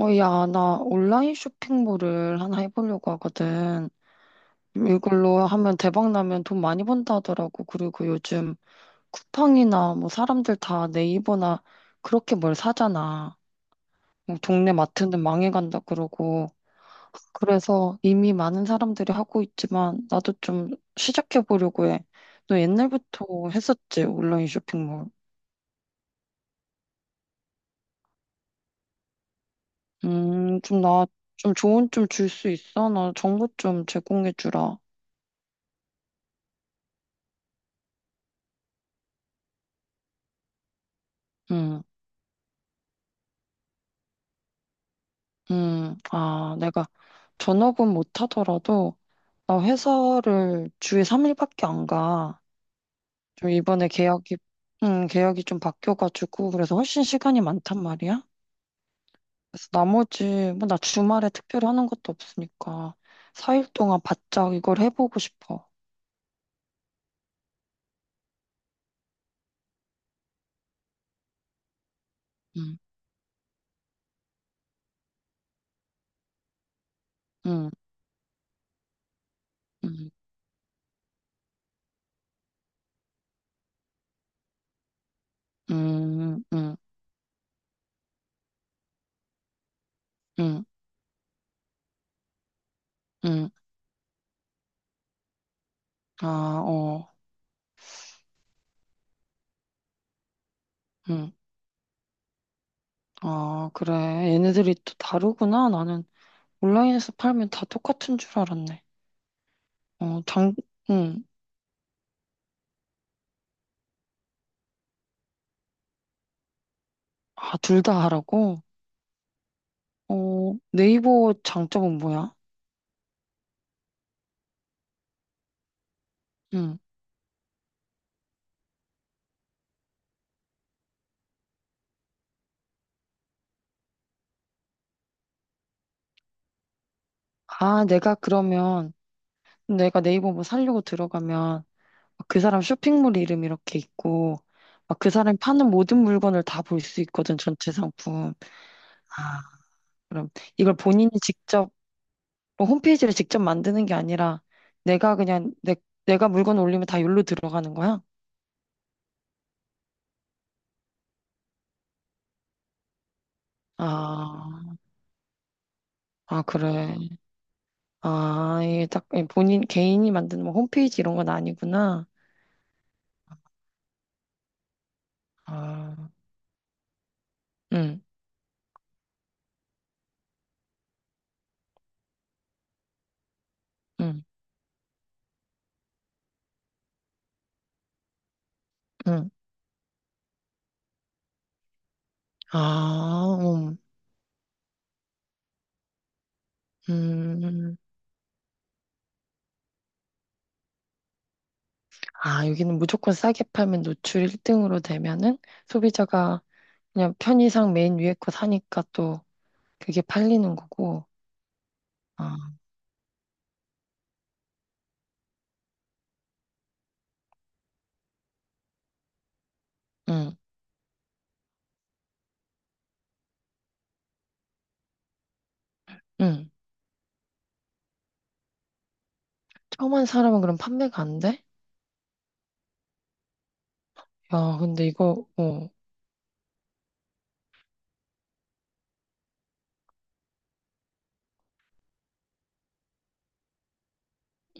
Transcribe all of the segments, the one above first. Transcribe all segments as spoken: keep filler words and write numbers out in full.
어, 야, 나 온라인 쇼핑몰을 하나 해보려고 하거든. 이걸로 하면 대박 나면 돈 많이 번다 하더라고. 그리고 요즘 쿠팡이나 뭐 사람들 다 네이버나 그렇게 뭘 사잖아. 뭐 동네 마트는 망해간다 그러고. 그래서 이미 많은 사람들이 하고 있지만 나도 좀 시작해보려고 해. 너 옛날부터 했었지, 온라인 쇼핑몰. 음, 좀 나 좀 조언 좀 줄 수 있어? 나 정보 좀 제공해주라. 음. 음, 아, 내가 전업은 못하더라도 나 회사를 주에 삼 일밖에 안 가. 좀 이번에 계약이, 음, 계약이 좀 바뀌어가지고 그래서 훨씬 시간이 많단 말이야. 그래서 나머지 뭐 나 주말에 특별히 하는 것도 없으니까 사 일 동안 바짝 이걸 해보고 싶어. 음, 음, 음, 음, 음, 음, 음. 아, 어, 음. 아, 그래. 얘네들이 또 다르구나. 나는 온라인에서 팔면 다 똑같은 줄 알았네. 어, 장, 응. 아, 둘 다 하라고? 어, 네이버 장점은 뭐야? 응. 아, 내가 그러면, 내가 네이버 뭐 살려고 들어가면, 막그 사람 쇼핑몰 이름 이렇게 있고, 막 그 사람이 파는 모든 물건을 다 볼 수 있거든, 전체 상품. 아, 그럼 이걸 본인이 직접, 뭐 홈페이지를 직접 만드는 게 아니라, 내가 그냥, 내, 내가 물건 올리면 다 여기로 들어가는 거야? 아, 아, 그래. 아, 이게 딱 예, 본인 개인이 만든 뭐 홈페이지 이런 건 아니구나. 아, 응, 응, 응. 아, 음, 음. 아, 여기는 무조건 싸게 팔면 노출 일 등으로 되면은 소비자가 그냥 편의상 맨 위에 거 사니까 또 그게 팔리는 거고. 아, 응, 응. 처음 한 사람은 그럼 판매가 안 돼? 야, 근데 이거, 어,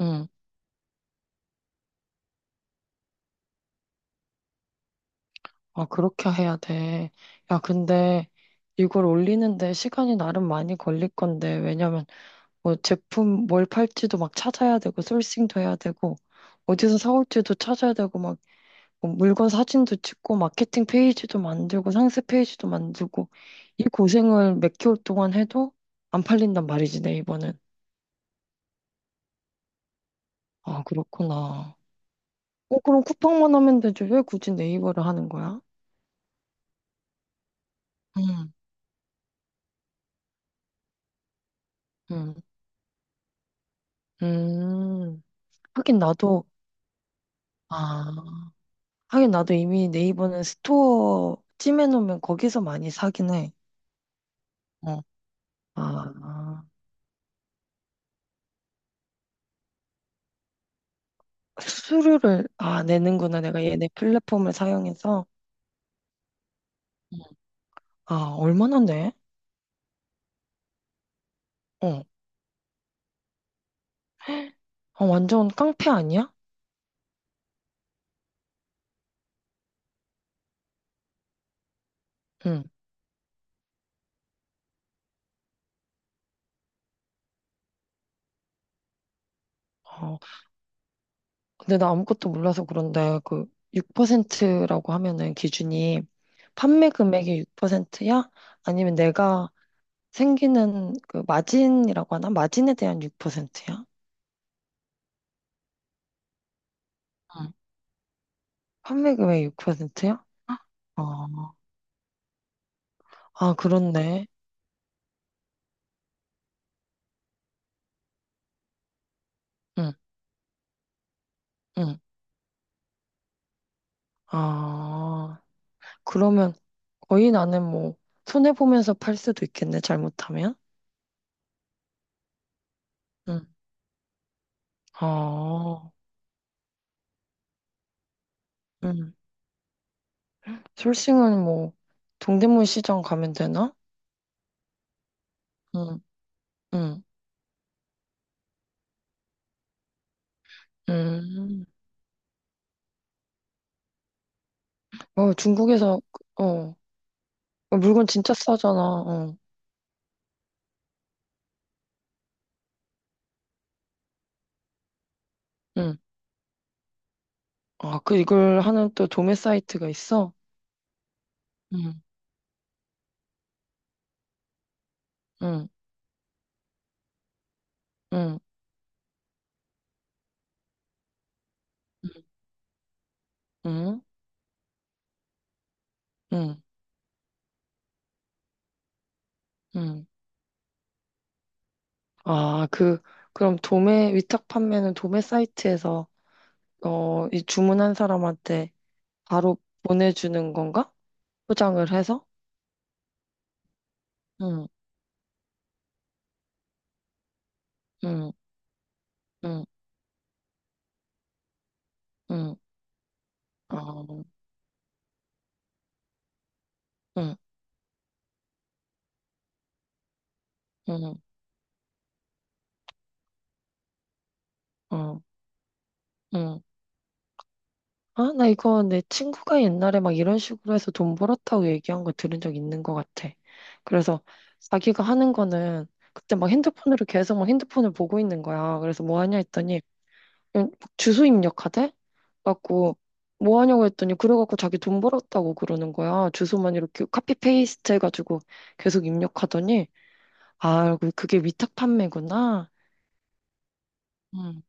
응. 아, 그렇게 해야 돼. 야, 근데 이걸 올리는데 시간이 나름 많이 걸릴 건데, 왜냐면 뭐 제품 뭘 팔지도 막 찾아야 되고 소싱도 해야 되고 어디서 사올지도 찾아야 되고 막뭐 물건 사진도 찍고 마케팅 페이지도 만들고 상세 페이지도 만들고 이 고생을 몇 개월 동안 해도 안 팔린단 말이지 네이버는. 아, 그렇구나. 어 그럼 쿠팡만 하면 되지 왜 굳이 네이버를 하는 거야? 음, 음, 음. 하긴 나도 아 하긴 나도 이미 네이버는 스토어 찜해놓으면 거기서 많이 사긴 해. 어. 아, 수수료를 아 내는구나 내가 얘네 플랫폼을 사용해서. 음. 아 얼마나 내? 어 아, 완전 깡패 아니야? 응. 어 근데 나 아무것도 몰라서 그런데 그 육 퍼센트라고 하면은 기준이 판매 금액의 육 퍼센트야? 아니면 내가 생기는 그 마진이라고 하나? 마진에 대한 육 퍼센트야? 음. 판매 금액 육 퍼센트야? 아, 아 그렇네. 응, 응. 아. 그러면 거의 나는 뭐 손해보면서 팔 수도 있겠네, 잘못하면. 응. 아, 응. 솔싱은 뭐 동대문 시장 가면 되나? 응, 응, 응. 어, 중국에서, 어, 어, 물건 진짜 싸잖아, 어, 응. 아, 그 이걸 하는 또 도매 사이트가 있어? 응, 응, 응, 응, 응, 응. 아, 그, 그럼 도매, 위탁 판매는 도매 사이트에서, 어, 이 주문한 사람한테 바로 보내주는 건가? 포장을 해서? 응, 응, 응, 응, 어, 응, 응, 어, 응. 아, 나 이거 내 친구가 옛날에 막 이런 식으로 해서 돈 벌었다고 얘기한 거 들은 적 있는 것 같아. 그래서 자기가 하는 거는 그때 막 핸드폰으로 계속 막 핸드폰을 보고 있는 거야. 그래서 뭐 하냐 했더니 그냥 막 주소 입력하대? 갖고 뭐 하냐고 했더니 그래갖고 자기 돈 벌었다고 그러는 거야. 주소만 이렇게 카피 페이스트 해가지고 계속 입력하더니 아, 그- 그게 위탁 판매구나. 음.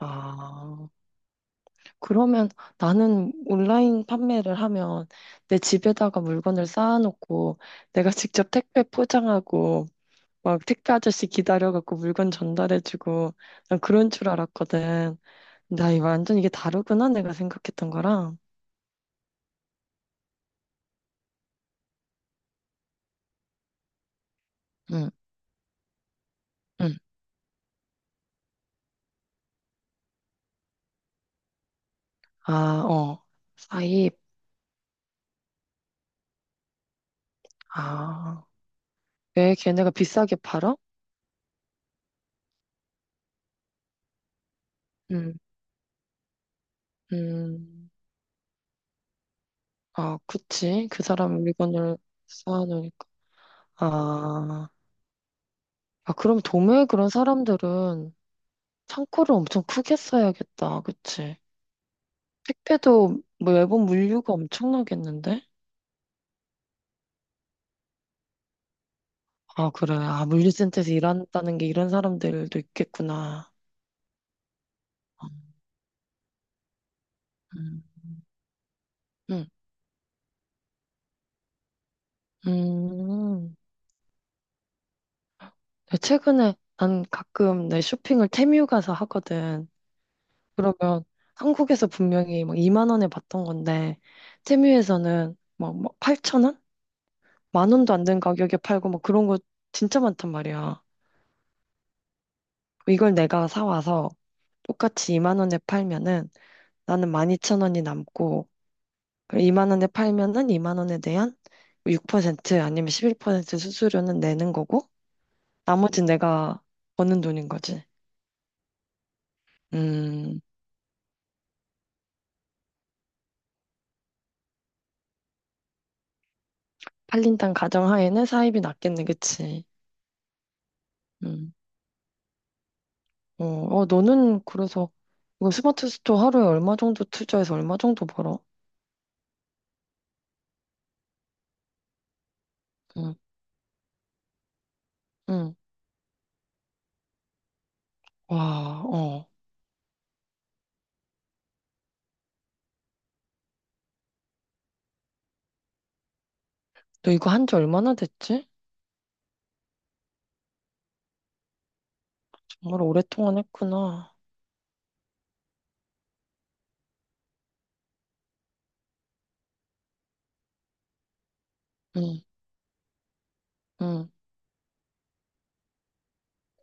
아, 그러면 나는 온라인 판매를 하면 내 집에다가 물건을 쌓아놓고 내가 직접 택배 포장하고 막 택배 아저씨 기다려갖고 물건 전달해주고 난 그런 줄 알았거든. 나 이 완전 이게 다르구나 내가 생각했던 거랑. 응, 응. 아, 어. 사입. 아, 왜 걔네가 비싸게 팔아? 응, 음. 아, 그치. 그 사람 물건을 쌓아놓으니까. 아, 아, 그럼 도매에 그런 사람들은 창고를 엄청 크게 써야겠다. 그치. 택배도 뭐 매번 물류가 엄청나겠는데? 아, 그래. 아, 물류센터에서 일한다는 게 이런 사람들도 있겠구나. 음, 음, 음. 최근에 난 가끔 내 쇼핑을 테뮤 가서 하거든. 그러면 한국에서 분명히 막 이만 원에 봤던 건데, 테뮤에서는 막 팔천 원? 만 원도 안 되는 가격에 팔고 막 그런 거 진짜 많단 말이야. 이걸 내가 사와서 똑같이 이만 원에 팔면은 나는 만 이천 원이 남고 이만 원에 팔면은 이만 원에 대한 육 퍼센트 아니면 십일 퍼센트 수수료는 내는 거고 나머지 내가 버는 돈인 거지. 음, 팔린 땅 가정하에는 사입이 낮겠네, 그치? 음, 어, 어, 너는 그래서 이거 스마트 스토어 하루에 얼마 정도 투자해서 얼마 정도 벌어? 응, 응, 와, 어. 너 이거 한지 얼마나 됐지? 정말 오랫동안 했구나. 응, 응,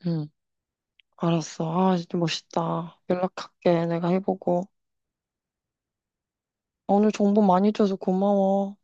응. 알았어. 아, 진짜 멋있다. 연락할게. 내가 해보고. 오늘 정보 많이 줘서 고마워.